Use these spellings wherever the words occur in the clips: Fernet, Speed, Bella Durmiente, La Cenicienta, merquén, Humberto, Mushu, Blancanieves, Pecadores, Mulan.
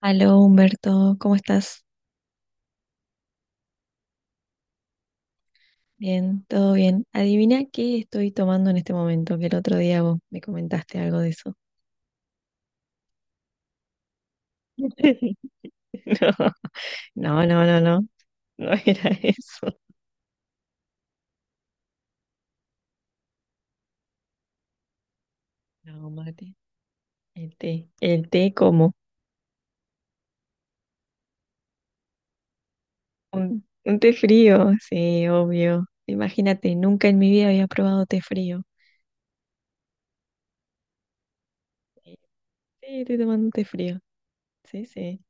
Aló Humberto, ¿cómo estás? Bien, todo bien. Adivina qué estoy tomando en este momento, que el otro día vos me comentaste algo de eso. No, no, no, no, no, no era eso. No, mate, el té. El té como un té frío, sí, obvio. Imagínate, nunca en mi vida había probado té frío. Sí, sí, estoy tomando un té frío. Sí, sí.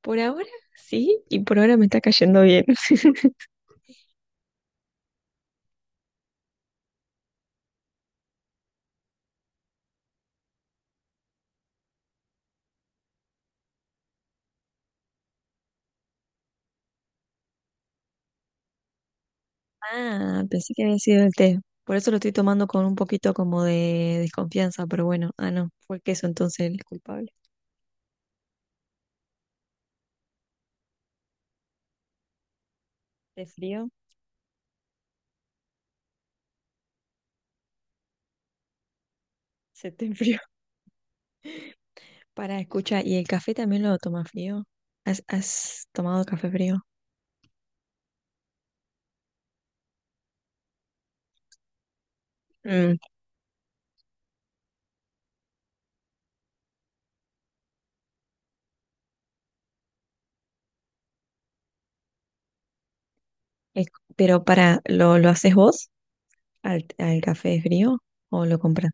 Por ahora sí, y por ahora me está cayendo bien. Ah, pensé que había sido el té. Por eso lo estoy tomando con un poquito como de desconfianza, pero bueno, ah, no, fue el queso entonces el culpable. ¿Te frío? Se te enfrió. Para, escucha, ¿y el café también lo tomas frío? ¿Has tomado café frío? Mm, es- pero para, ¿lo haces vos al café frío o lo compras?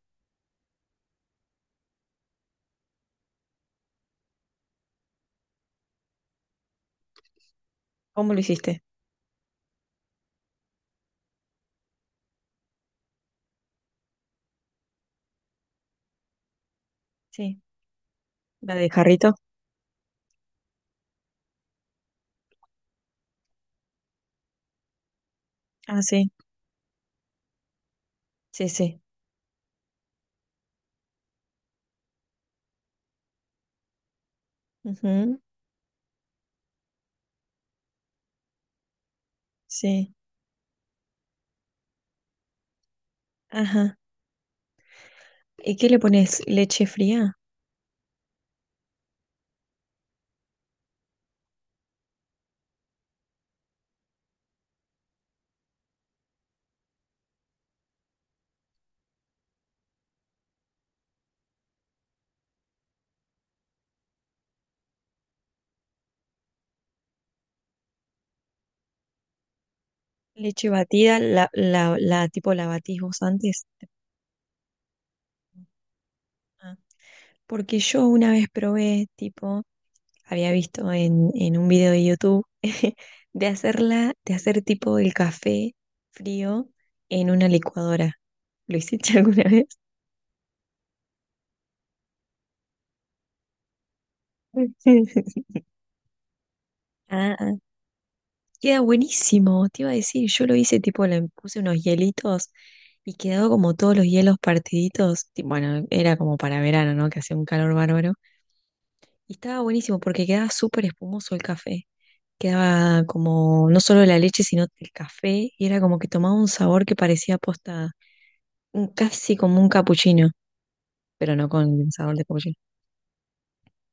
¿Cómo lo hiciste? Sí. ¿La de jarrito? Ah, sí, sí, sí. Ujú, sí. Ajá. ¿Y qué le pones? ¿Leche fría? Leche batida, tipo la batís vos antes. Ah, porque yo una vez probé, tipo, había visto en un video de YouTube de hacerla, de hacer tipo el café frío en una licuadora. ¿Lo hiciste alguna vez? Sí. Ah, ah. Queda buenísimo, te iba a decir, yo lo hice tipo, le puse unos hielitos y quedó como todos los hielos partiditos. Bueno, era como para verano, ¿no? Que hacía un calor bárbaro. Y estaba buenísimo porque quedaba súper espumoso el café. Quedaba como no solo la leche, sino el café. Y era como que tomaba un sabor que parecía posta, casi como un capuchino, pero no con el sabor de capuchino.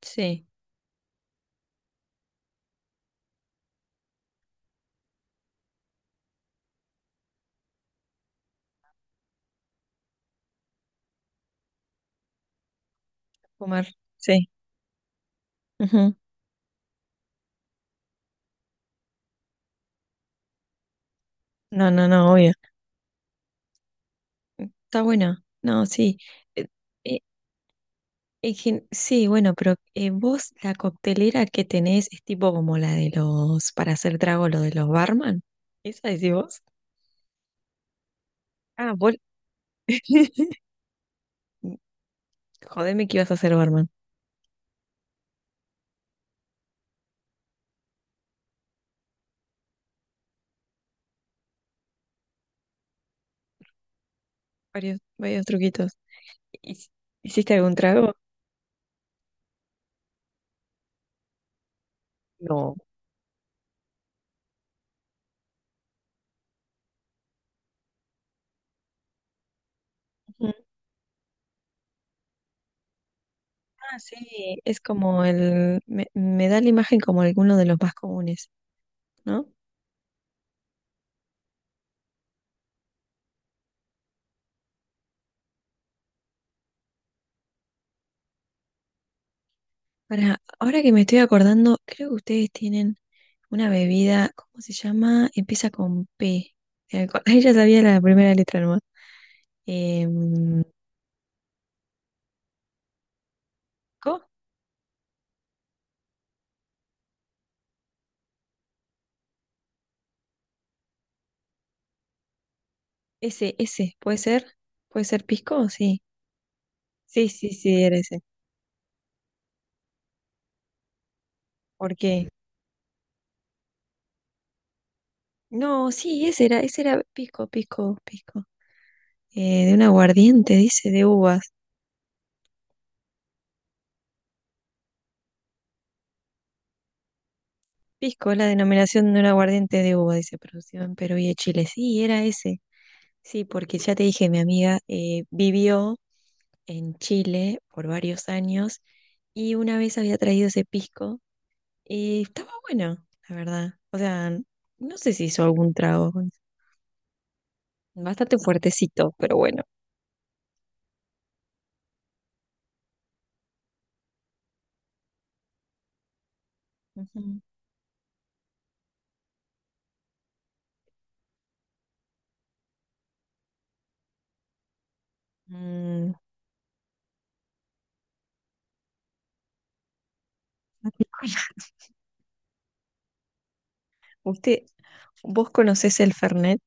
Sí, comer. Sí. Ujú. No, no, no, obvio. Está bueno. No, sí. Eh, eh, sí, bueno, pero vos la coctelera que tenés es tipo como la de los, para hacer trago, lo de los barman. ¿Esa decís vos? Ah, vos. Jodeme que ibas a hacer barman. Varios, varios truquitos. ¿Hic- ¿Hiciste algún trago? No. Ujú. Ah, sí, es como el Me da la imagen como alguno de los más comunes, ¿no? Ahora que me estoy acordando, creo que ustedes tienen una bebida, ¿cómo se llama? Empieza con P, de alcohol. Ella sabía la primera letra nomás. Em, ¿Co? Ese, ese, ¿puede ser? ¿Puede ser pisco? Sí. Sí, sí, sí, era ese. ¿Por qué? No, sí, ese era pisco, pisco, pisco. De un aguardiente, dice, de uvas. Pisco es la denominación de un aguardiente de uva, dice, producido en Perú y en Chile. Sí, era ese. Sí, porque ya te dije, mi amiga vivió en Chile por varios años y una vez había traído ese pisco y estaba bueno, la verdad. O sea, no sé si hizo algún trago, bastante fuertecito, pero bueno. Ujú. Mm, ¿usted, vos conocés el Fernet?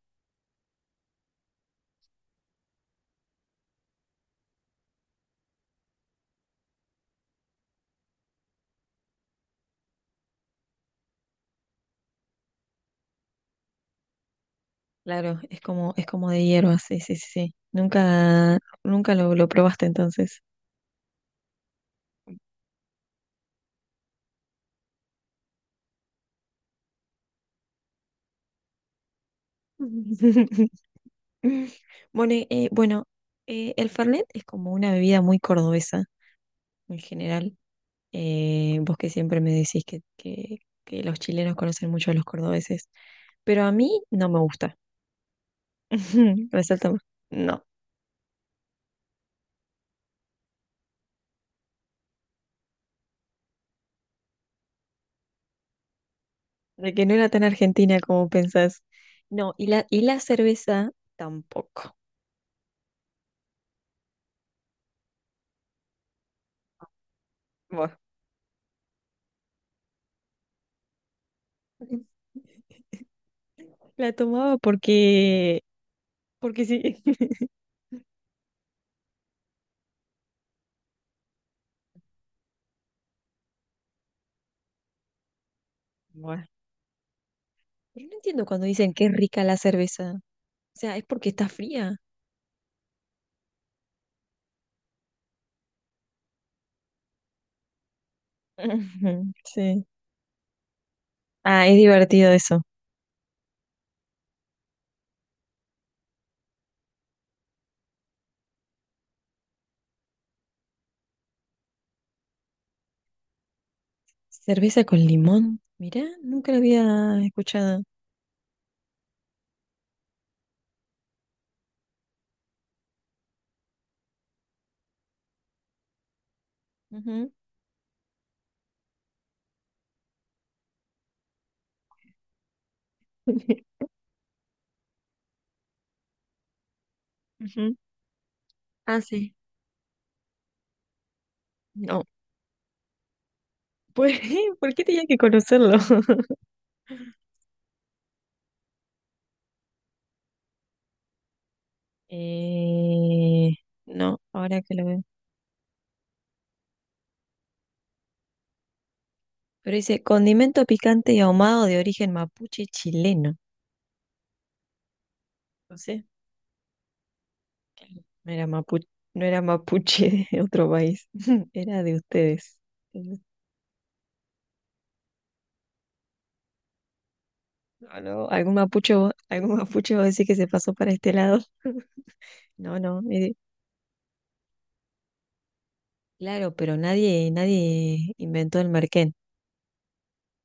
Claro, es como, de hierba, sí, sí, sí, sí. Nunca, nunca lo probaste entonces. Bueno, bueno el Fernet es como una bebida muy cordobesa en general. Vos que siempre me decís que los chilenos conocen mucho a los cordobeses, pero a mí no me gusta. Resalta, más. No, de que no era tan argentina como pensás. No, y y la cerveza tampoco. Bueno, la tomaba porque sí. Bueno. Pero no entiendo cuando dicen que es rica la cerveza. O sea, es porque está fría. Ujú, sí. Ah, es divertido eso. Cerveza con limón. Mirá, nunca lo había escuchado. Ujú, ujú. Ah, sí. No. Pues, ¿por qué tenía que conocerlo? Eh, no, ahora que lo veo. Pero dice, condimento picante y ahumado de origen mapuche chileno. No sé. No era mapuche, no era mapuche de otro país, era de ustedes. No, no, algún mapuche, algún mapuche va a decir que se pasó para este lado. No, no, claro, pero nadie, nadie inventó el merquén.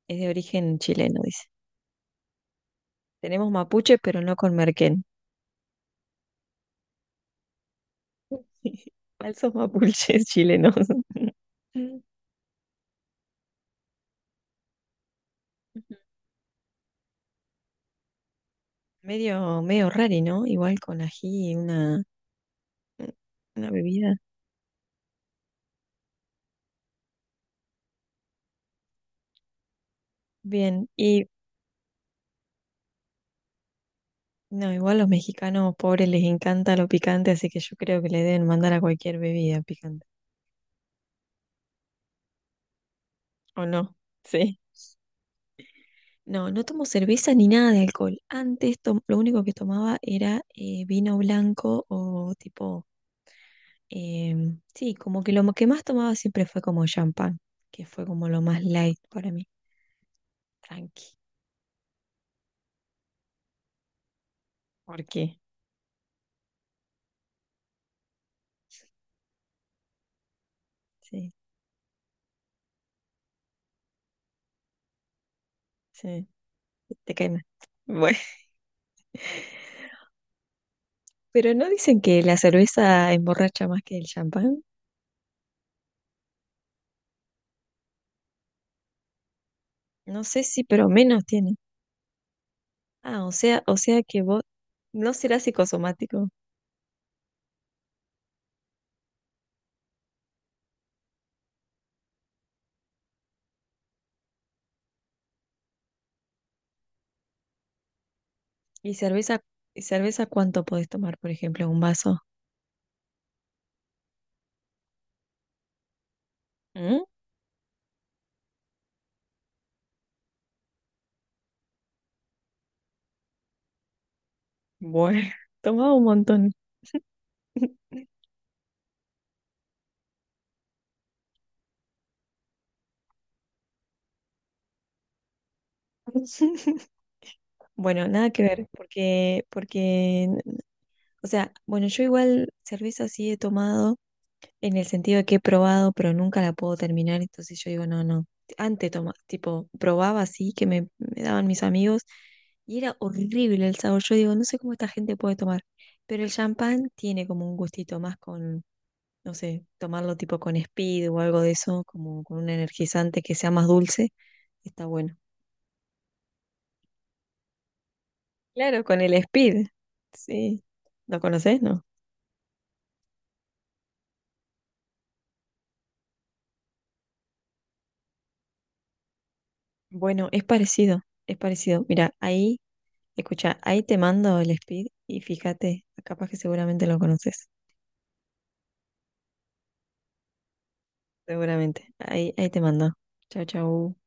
Es de origen chileno, dice. Tenemos mapuche, pero no con merquén. Falsos mapuches chilenos. Mm. Medio, medio raro, ¿no? Igual con ají, una bebida. Bien, y No, igual los mexicanos pobres les encanta lo picante, así que yo creo que le deben mandar a cualquier bebida picante. ¿O no? Sí. No, no tomo cerveza ni nada de alcohol. Antes lo único que tomaba era vino blanco o tipo, sí, como que que más tomaba siempre fue como champán, que fue como lo más light para mí. Tranqui. ¿Por qué? Sí, sí, te cae mal. Bueno, pero no dicen que la cerveza emborracha más que el champán. No sé si, pero menos tiene. Ah, o sea que vos no serás psicosomático. ¿Y cerveza, y cerveza cuánto podés tomar, por ejemplo, un vaso? ¿Mm? Bueno, tomaba un montón. Bueno, nada que ver, porque, o sea, bueno, yo igual cerveza sí he tomado. En el sentido de que he probado, pero nunca la puedo terminar, entonces yo digo, no, no. Antes toma, tipo, probaba así, que me daban mis amigos, y era horrible el sabor. Yo digo, no sé cómo esta gente puede tomar, pero el champán tiene como un gustito más con, no sé, tomarlo tipo con Speed o algo de eso, como con un energizante que sea más dulce, está bueno. Claro, con el Speed, sí. ¿Lo conoces, no? Bueno, es parecido, es parecido. Mira, ahí Escucha, ahí te mando el speed y fíjate, capaz que seguramente lo conoces. Seguramente. Ahí te mando. Chau, chau.